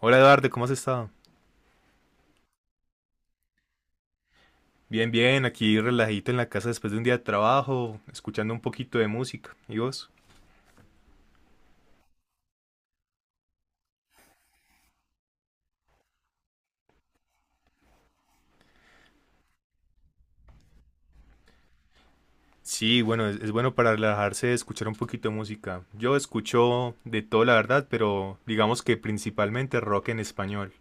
Hola Eduardo, ¿cómo has estado? Bien, bien, aquí relajito en la casa después de un día de trabajo, escuchando un poquito de música. ¿Y vos? Sí, bueno, es bueno para relajarse escuchar un poquito de música. Yo escucho de todo, la verdad, pero digamos que principalmente rock en español.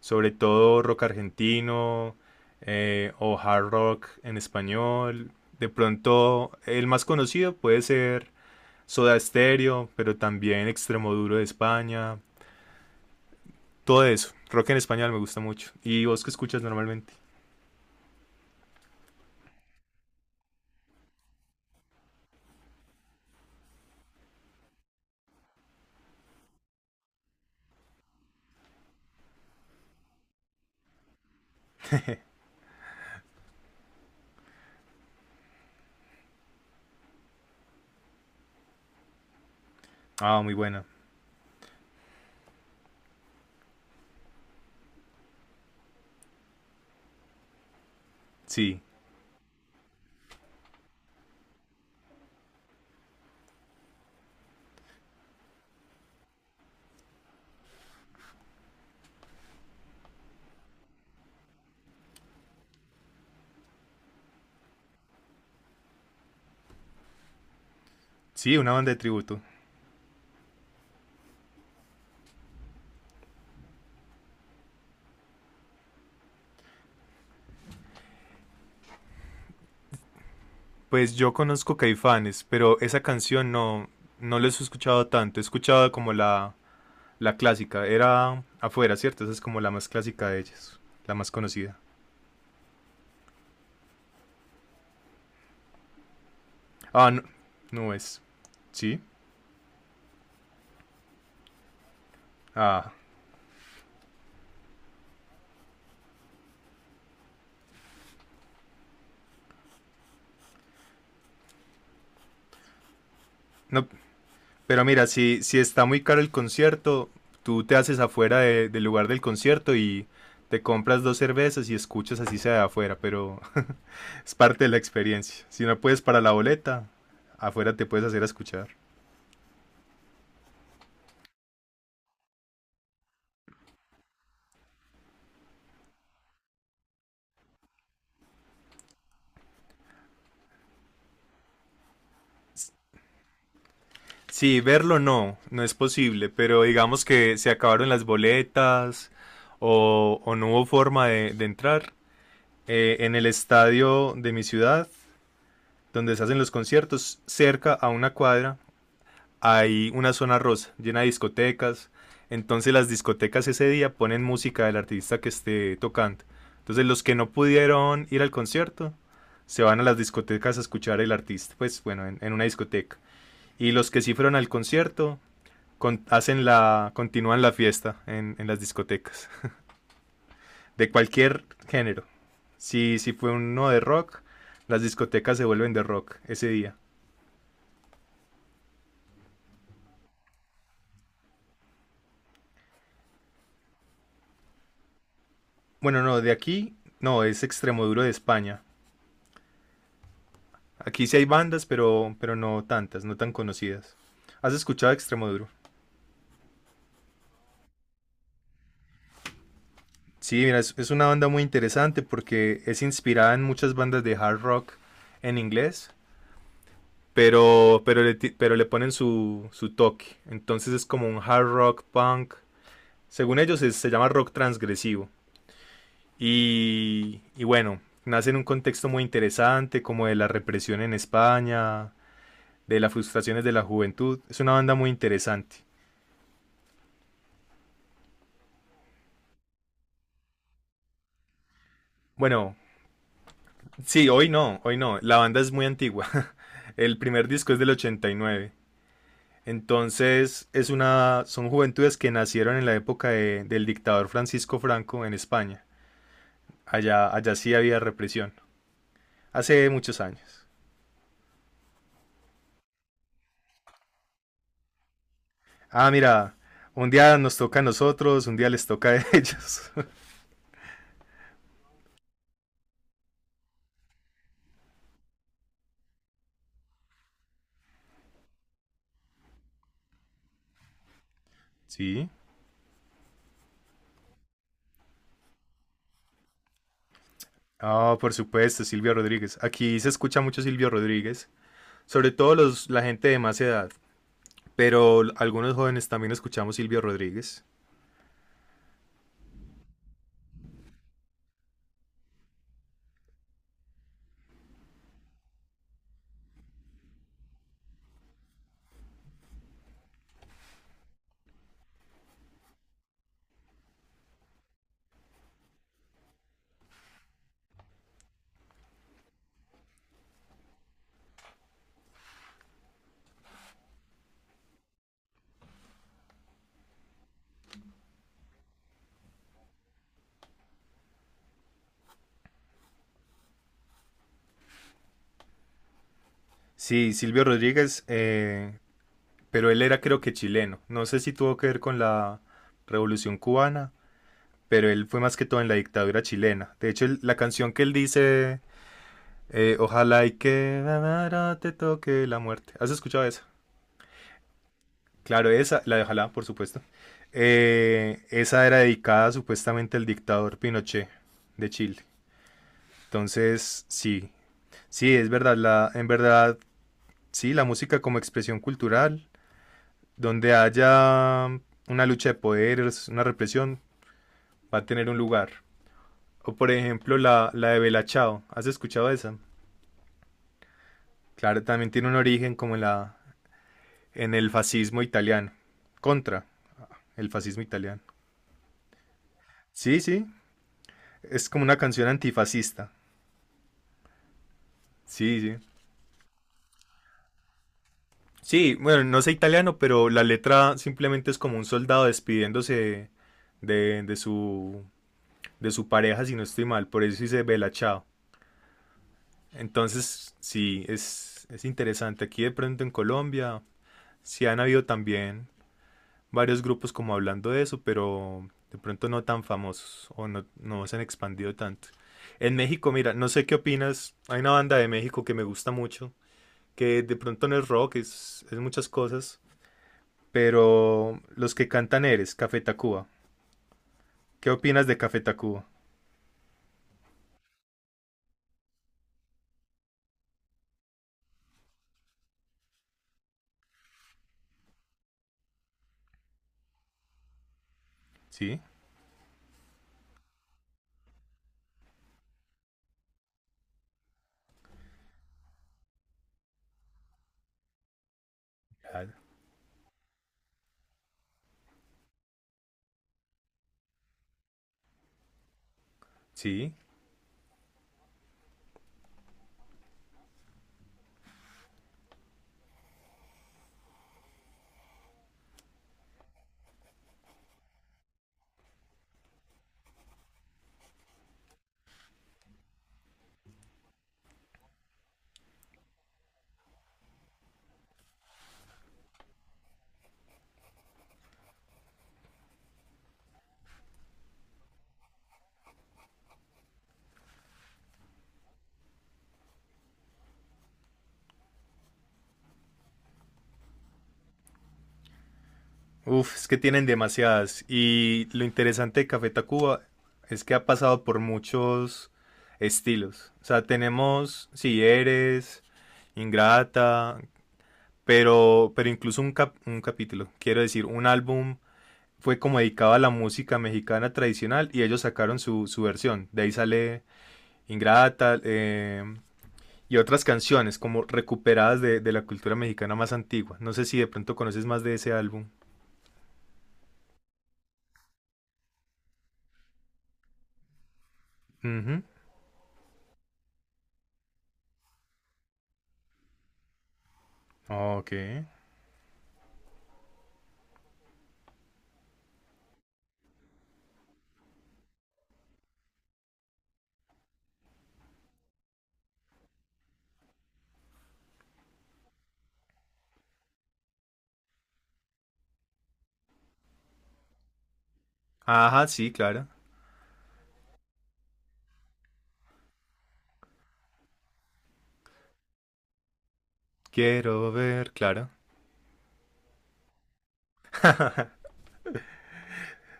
Sobre todo rock argentino, o hard rock en español. De pronto, el más conocido puede ser Soda Stereo, pero también Extremoduro de España. Todo eso. Rock en español me gusta mucho. ¿Y vos qué escuchas normalmente? Ah, muy buena. Sí. Sí, una banda de tributo. Pues yo conozco Caifanes, pero esa canción no, no les he escuchado tanto. He escuchado como la clásica. Era afuera, ¿cierto? Esa es como la más clásica de ellas. La más conocida. Ah, no, no es. ¿Sí? Ah. No, pero mira, si está muy caro el concierto, tú te haces afuera del lugar del concierto y te compras dos cervezas y escuchas así sea de afuera, pero es parte de la experiencia. Si no puedes para la boleta, afuera te puedes hacer a escuchar. Sí, verlo no, no es posible, pero digamos que se acabaron las boletas o no hubo forma de entrar. En el estadio de mi ciudad, donde se hacen los conciertos, cerca a una cuadra, hay una zona rosa llena de discotecas. Entonces las discotecas ese día ponen música del artista que esté tocando. Entonces los que no pudieron ir al concierto se van a las discotecas a escuchar el artista, pues bueno, en una discoteca. Y los que sí fueron al concierto hacen la, continúan la fiesta en las discotecas, de cualquier género. Si fue uno de rock, las discotecas se vuelven de rock ese día. Bueno, no, de aquí, no, es Extremoduro de España. Aquí sí hay bandas, pero no tantas, no tan conocidas. ¿Has escuchado Extremoduro? Sí, mira, es una banda muy interesante porque es inspirada en muchas bandas de hard rock en inglés, pero le ponen su toque. Entonces es como un hard rock punk. Según ellos se llama rock transgresivo. Y bueno, nace en un contexto muy interesante como de la represión en España, de las frustraciones de la juventud. Es una banda muy interesante. Bueno, sí, hoy no, hoy no. La banda es muy antigua. El primer disco es del 89. Entonces, es una, son juventudes que nacieron en la época del dictador Francisco Franco en España. Allá, allá sí había represión. Hace muchos años. Ah, mira, un día nos toca a nosotros, un día les toca a ellos. Sí. Ah, por supuesto, Silvio Rodríguez. Aquí se escucha mucho Silvio Rodríguez, sobre todo los, la gente de más edad, pero algunos jóvenes también escuchamos Silvio Rodríguez. Sí, Silvio Rodríguez, pero él era creo que chileno. No sé si tuvo que ver con la Revolución Cubana, pero él fue más que todo en la dictadura chilena. De hecho, la canción que él dice, ojalá y que ahora te toque la muerte. ¿Has escuchado esa? Claro, esa, la de ojalá, por supuesto. Esa era dedicada supuestamente al dictador Pinochet de Chile. Entonces, sí, sí, es verdad, la, en verdad, sí, la música como expresión cultural donde haya una lucha de poderes, una represión, va a tener un lugar. O por ejemplo la de Bella Ciao. ¿Has escuchado esa? Claro, también tiene un origen como en en el fascismo italiano. Contra el fascismo italiano. Sí, sí. Es como una canción antifascista. Sí, sí. Sí, bueno, no sé italiano, pero la letra simplemente es como un soldado despidiéndose de, de su, de su pareja, si no estoy mal. Por eso dice Bella Ciao. Entonces, sí, es interesante. Aquí de pronto en Colombia, sí han habido también varios grupos como hablando de eso, pero de pronto no tan famosos o no, no se han expandido tanto. En México, mira, no sé qué opinas. Hay una banda de México que me gusta mucho, que de pronto no es rock, es muchas cosas, pero los que cantan eres Café Tacuba. ¿Qué opinas de Café Tacuba? Sí, claro. Sí, uf, es que tienen demasiadas. Y lo interesante de Café Tacuba es que ha pasado por muchos estilos. O sea, tenemos Si eres, Ingrata, pero incluso un capítulo, quiero decir, un álbum fue como dedicado a la música mexicana tradicional y ellos sacaron su versión. De ahí sale Ingrata, y otras canciones como recuperadas de la cultura mexicana más antigua. No sé si de pronto conoces más de ese álbum. Ujú. Ok. Ajá, sí, claro. Quiero ver, claro.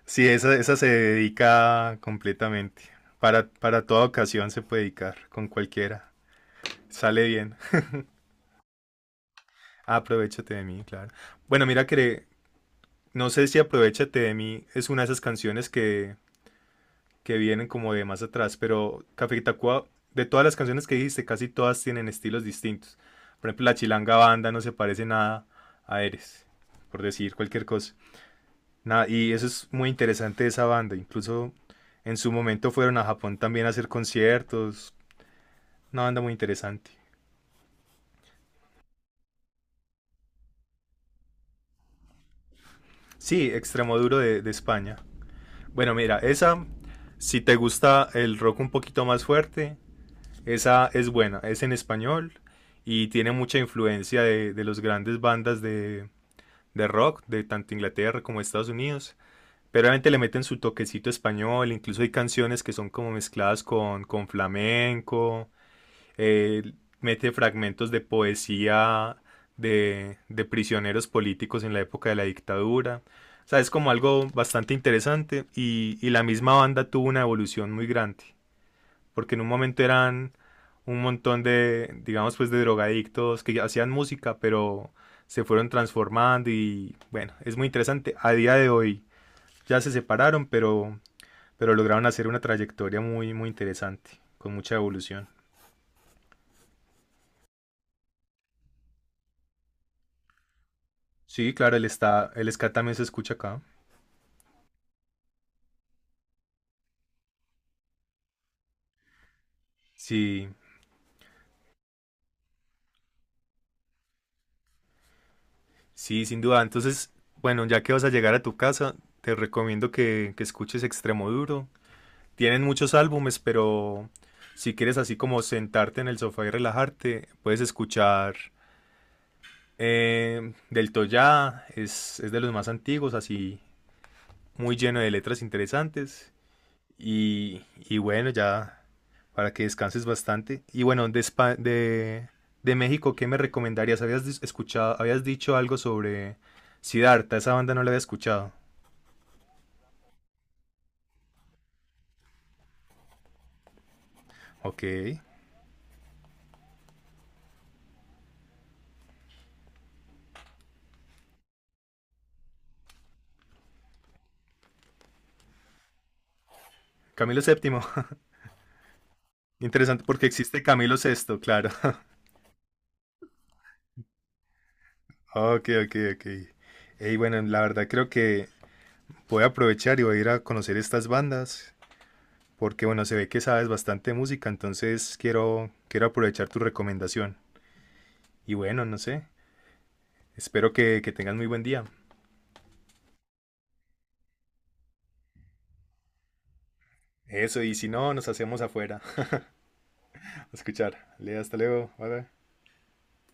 Sí, esa se dedica completamente. Para toda ocasión se puede dedicar, con cualquiera. Sale bien. Aprovechate de mí, claro. Bueno, mira que no sé si Aprovechate de mí es una de esas canciones que vienen como de más atrás, pero Café Tacuba, de todas las canciones que dijiste, casi todas tienen estilos distintos. Por ejemplo, la Chilanga Banda no se parece nada a Eres, por decir cualquier cosa. Nada, y eso es muy interesante de esa banda. Incluso en su momento fueron a Japón también a hacer conciertos. Una banda muy interesante. Sí, Extremoduro de España. Bueno, mira, esa, si te gusta el rock un poquito más fuerte, esa es buena. Es en español y tiene mucha influencia de las grandes bandas de rock, de tanto Inglaterra como Estados Unidos. Pero obviamente le meten su toquecito español, incluso hay canciones que son como mezcladas con flamenco, eh, mete fragmentos de poesía de prisioneros políticos en la época de la dictadura. O sea, es como algo bastante interesante y la misma banda tuvo una evolución muy grande, porque en un momento eran un montón de, digamos, pues de drogadictos que hacían música, pero se fueron transformando y bueno, es muy interesante. A día de hoy ya se separaron, pero lograron hacer una trayectoria muy, muy interesante, con mucha evolución. Sí, claro, el está, el ska también se escucha acá. Sí, sí, sin duda. Entonces, bueno, ya que vas a llegar a tu casa, te recomiendo que escuches Extremo Duro. Tienen muchos álbumes, pero si quieres así como sentarte en el sofá y relajarte, puedes escuchar Del Toya, es de los más antiguos, así muy lleno de letras interesantes. Y bueno, ya para que descanses bastante. Y bueno, de México, ¿qué me recomendarías? ¿Habías escuchado, habías dicho algo sobre Siddhartha? Esa banda no la había escuchado. Ok. Camilo VII. Interesante porque existe Camilo Sexto claro. Ok, ok, ok. Y bueno, la verdad creo que voy a aprovechar y voy a ir a conocer estas bandas, porque bueno, se ve que sabes bastante música, entonces quiero, quiero aprovechar tu recomendación. Y bueno, no sé, espero que tengan muy buen día. Eso, y si no, nos hacemos afuera. A escuchar. Ale, hasta luego. Bye bye.